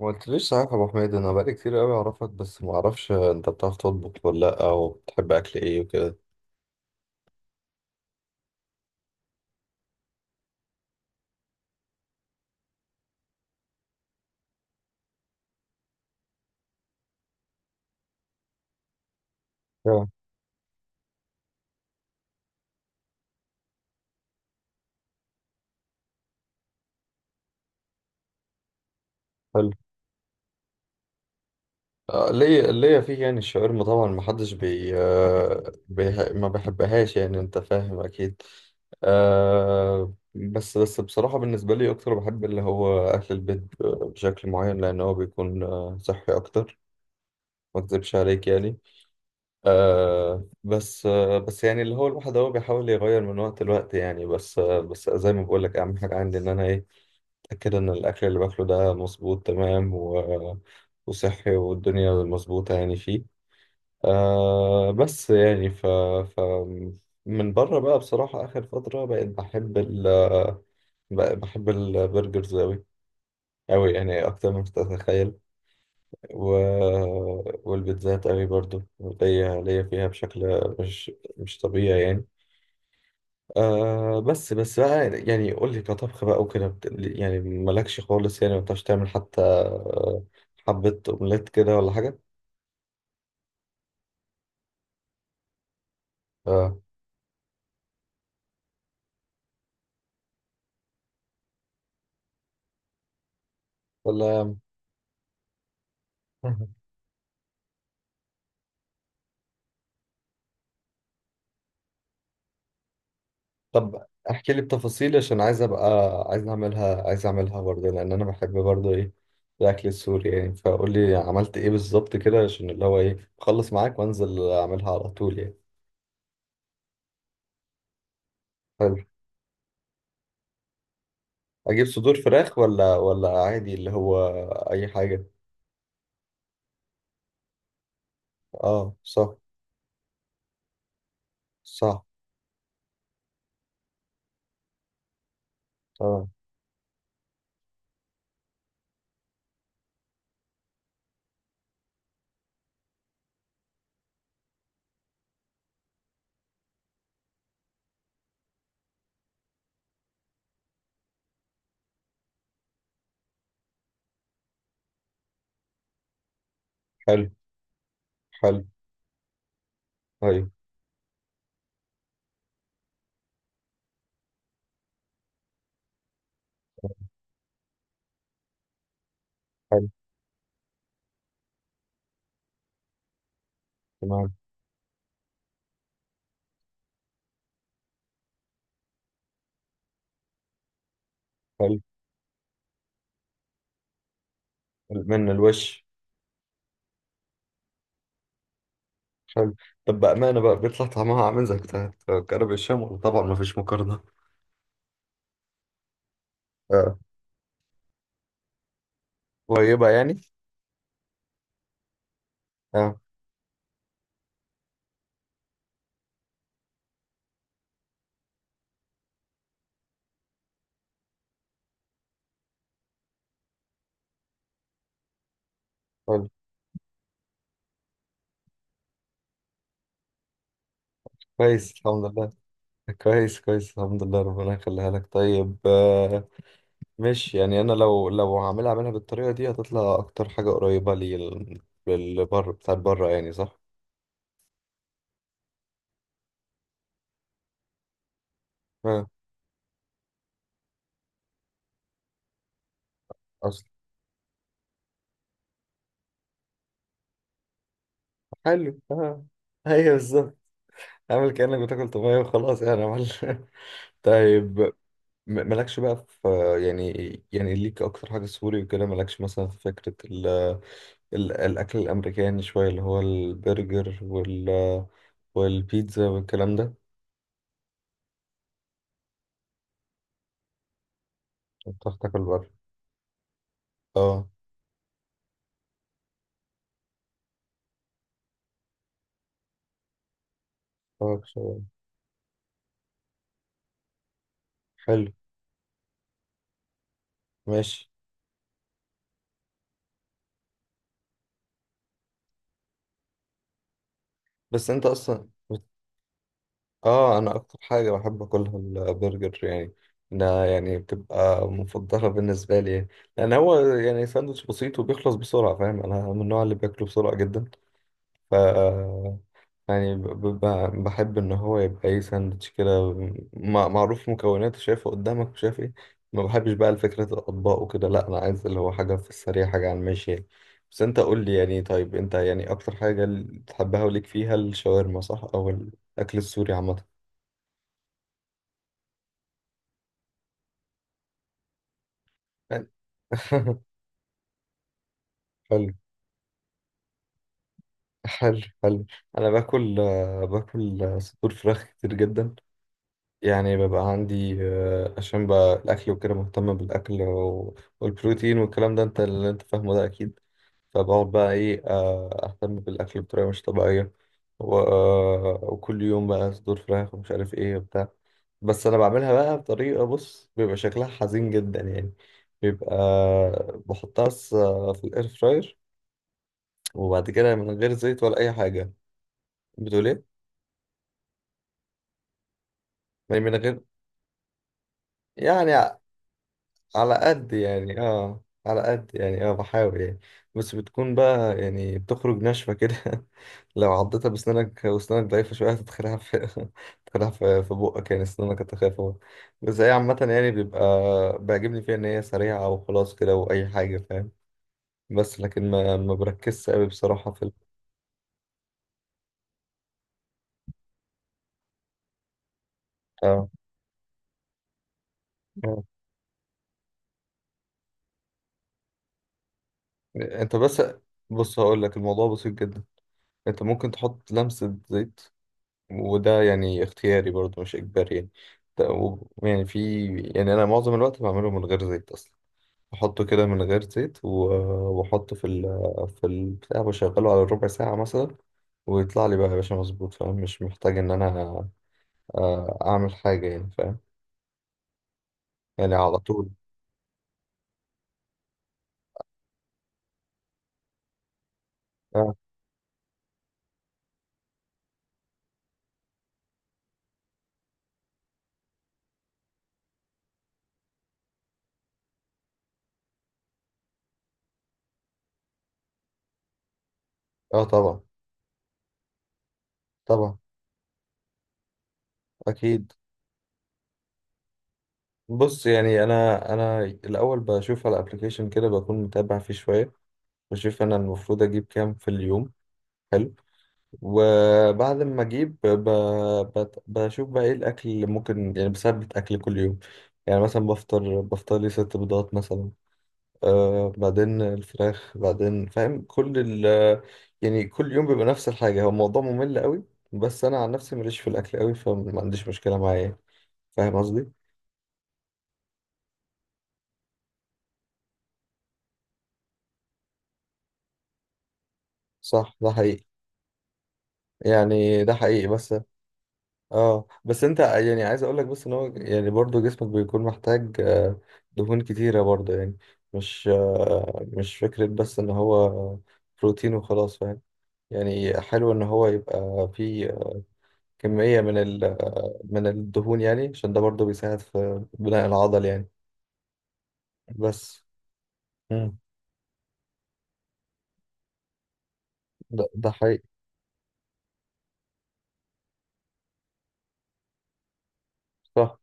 ما قلتليش صحيح يا ابو حميد، انا بقالي كتير قوي اعرفك، بس ما اعرفش انت بتعرف تطبخ ولا لا، او بتحب اكل ايه وكده؟ آه، حلو. آه، ليا فيه يعني الشاورما طبعا ما حدش ما بحبهاش، يعني انت فاهم اكيد. أه بس بس بصراحة بالنسبة لي أكتر بحب اللي هو أكل البيت بشكل معين، لأن هو بيكون صحي أكتر. ما أكذبش عليك يعني. بس يعني اللي هو الواحد هو بيحاول يغير من وقت لوقت يعني، بس زي ما بقول لك اهم حاجه عندي ان انا ايه اتاكد ان الاكل اللي باكله ده مظبوط تمام، وصحي والدنيا مظبوطه يعني فيه. آه بس يعني ف من بره بقى بصراحه اخر فتره بقيت بحب البرجرز اوي اوي، يعني اكتر ما تتخيل. و... والبيتزات قوي برضو، ليا فيها بشكل مش طبيعي يعني. بس بقى يعني قول لي كطبخ بقى وكده، يعني مالكش خالص، يعني ما بتعرفش تعمل حتى حبة أومليت كده ولا حاجة؟ آه، ولا مهم. طب احكي لي بتفاصيل عشان عايز اعملها برضه، لان انا بحب برضه ايه الاكل السوري يعني. فقول لي عملت ايه بالظبط كده عشان اللي هو ايه اخلص معاك وانزل اعملها على طول يعني. حلو. اجيب صدور فراخ ولا عادي اللي هو اي حاجه؟ اه صح. صح. اه. حلو. حلو. طيب. حلو. تمام. حلو. من الوش. حلو. طب بامانه بقى بيطلع طعمها عامل زي بتاع كرب الشام، ولا طبعا ما فيش مقارنه؟ اه. قريبه يعني. اه. حلو. كويس، الحمد لله. كويس، كويس، الحمد لله، ربنا يخليها لك. طيب آه، ماشي. يعني انا لو هعملها منها بالطريقه دي هتطلع اكتر حاجه قريبه لي للبر بتاعت بره يعني، صح؟ اه. حلو. اه، ايوه بالظبط. عامل كأنك بتاكل طبيعي وخلاص يعني عمل طيب مالكش بقى في، يعني يعني ليك اكتر حاجة سوري وكده، مالكش مثلا في فكرة ال الاكل الامريكاني شوية، اللي هو البرجر والبيتزا والكلام ده؟ بتعرف تاكل بره. اه. اه شوية. حلو. ماشي. بس انت اصلا. اه. انا اكتر حاجه بحب اكلها البرجر يعني، ده يعني بتبقى مفضله بالنسبه لي يعني. لان هو يعني ساندوتش بسيط وبيخلص بسرعه، فاهم انا من النوع اللي بياكله بسرعه جدا. ف يعني ب- ب- بحب ان هو يبقى ايه ساندوتش كده، معروف مكوناته، شايفه قدامك وشايف ايه. ما بحبش بقى الفكرة الاطباق وكده، لا انا عايز اللي هو حاجه في السريع، حاجه على الماشي يعني. بس انت قول لي يعني، طيب انت يعني اكتر حاجه اللي تحبها وليك فيها الشاورما صح، او الاكل السوري عامه؟ حلو. حلو. حلو. حلو. انا باكل صدور فراخ كتير جدا، يعني ببقى عندي عشان بقى الاكل وكده مهتم بالاكل، والبروتين والكلام ده انت اللي انت فاهمه ده اكيد. فبقعد بقى ايه اهتم بالاكل بطريقه مش طبيعيه، وكل يوم بقى صدور فراخ ومش عارف ايه وبتاع. بس انا بعملها بقى بطريقه، بص بيبقى شكلها حزين جدا يعني. بيبقى بحطها بس في الاير فراير، وبعد كده من غير زيت ولا اي حاجه. بتقول ايه؟ يعني من غير. يعني على قد يعني، على قد يعني بحاول يعني. بس بتكون بقى يعني بتخرج ناشفه كده. لو عضتها بسنانك وسنانك ضعيفه شويه هتدخلها في تدخلها في بقك يعني سنانك هتخاف. بس هي عامه يعني بيبقى بيعجبني فيها ان هي سريعه وخلاص كده واي حاجه فاهم. بس لكن ما ما بركزش قوي بصراحه اه. آه. انت بس بص هقول لك الموضوع بسيط جدا. انت ممكن تحط لمسة زيت، وده يعني اختياري برضه مش اجباري يعني. ت- و- يعني في يعني انا معظم الوقت بعمله من غير زيت اصلا، بحطه كده من غير زيت، واحطه في البتاع، بشغله على ربع ساعة مثلا، ويطلع لي بقى يا باشا مظبوط، فاهم مش محتاج ان انا اعمل حاجة يعني فاهم، يعني على طول. اه. اه. طبعا. طبعا. اكيد. بص يعني انا الاول بشوف على ابلكيشن كده بكون متابع فيه شوية، بشوف انا المفروض اجيب كام في اليوم. حلو. وبعد ما اجيب بشوف بقى ايه الاكل اللي ممكن يعني بثبت اكل كل يوم. يعني مثلا بفطر لي ست بيضات مثلا، بعدين الفراخ بعدين، فاهم كل يعني كل يوم بيبقى نفس الحاجة، هو الموضوع ممل قوي. بس انا عن نفسي ماليش في الاكل قوي، فما عنديش مشكلة معايا فاهم قصدي. صح ده حقيقي، يعني ده حقيقي بس. اه بس انت يعني عايز اقول لك بس ان هو يعني برضو جسمك بيكون محتاج دهون كتيرة برضو يعني. مش فكرة بس ان هو بروتين وخلاص فاهم، يعني حلو ان هو يبقى فيه كمية من ال آه، من الدهون يعني عشان ده برضو بيساعد في بناء العضل يعني بس. مم. ده حقيقي. صح.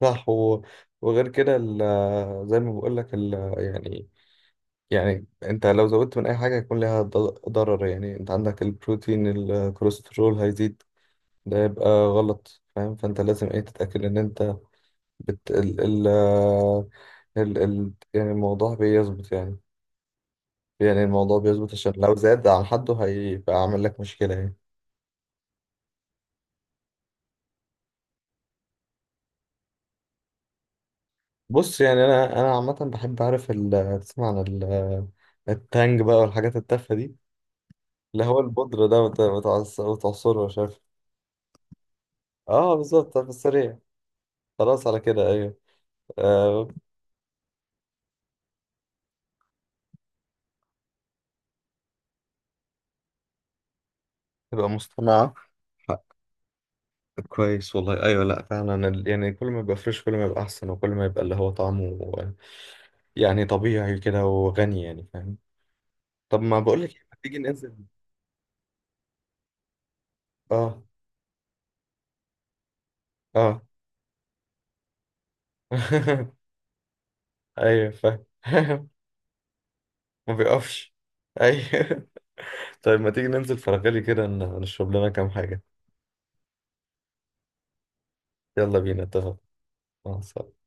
صح وغير كده زي ما بقول لك ال... آه، يعني انت لو زودت من اي حاجه هيكون ليها ضرر يعني. انت عندك البروتين الكوليسترول هيزيد، ده يبقى غلط فاهم. فانت لازم ايه تتاكد ان انت بت ال ال ال ال يعني الموضوع بيظبط يعني، يعني الموضوع بيظبط عشان لو زاد عن حده هيبقى عامل لك مشكله يعني. بص يعني انا عامه بحب اعرف تسمع عن التانج بقى والحاجات التافهه دي، اللي هو البودره ده وتعصره مش عارف. اه بالظبط في السريع. خلاص على كده، ايوه. آه، تبقى مصطنعة حق. كويس والله. أيوة، لأ فعلا يعني كل ما يبقى فريش كل ما يبقى أحسن، وكل ما يبقى اللي هو طعمه يعني طبيعي كده وغني يعني فاهم. طب ما بقولك إيه، ما تيجي ننزل؟ اه. اه. أيوة فاهم. ما بيقفش. أيوة. طيب ما تيجي ننزل فرغلي كده نشرب لنا كام حاجة؟ يلا بينا اتفق. مع السلامة.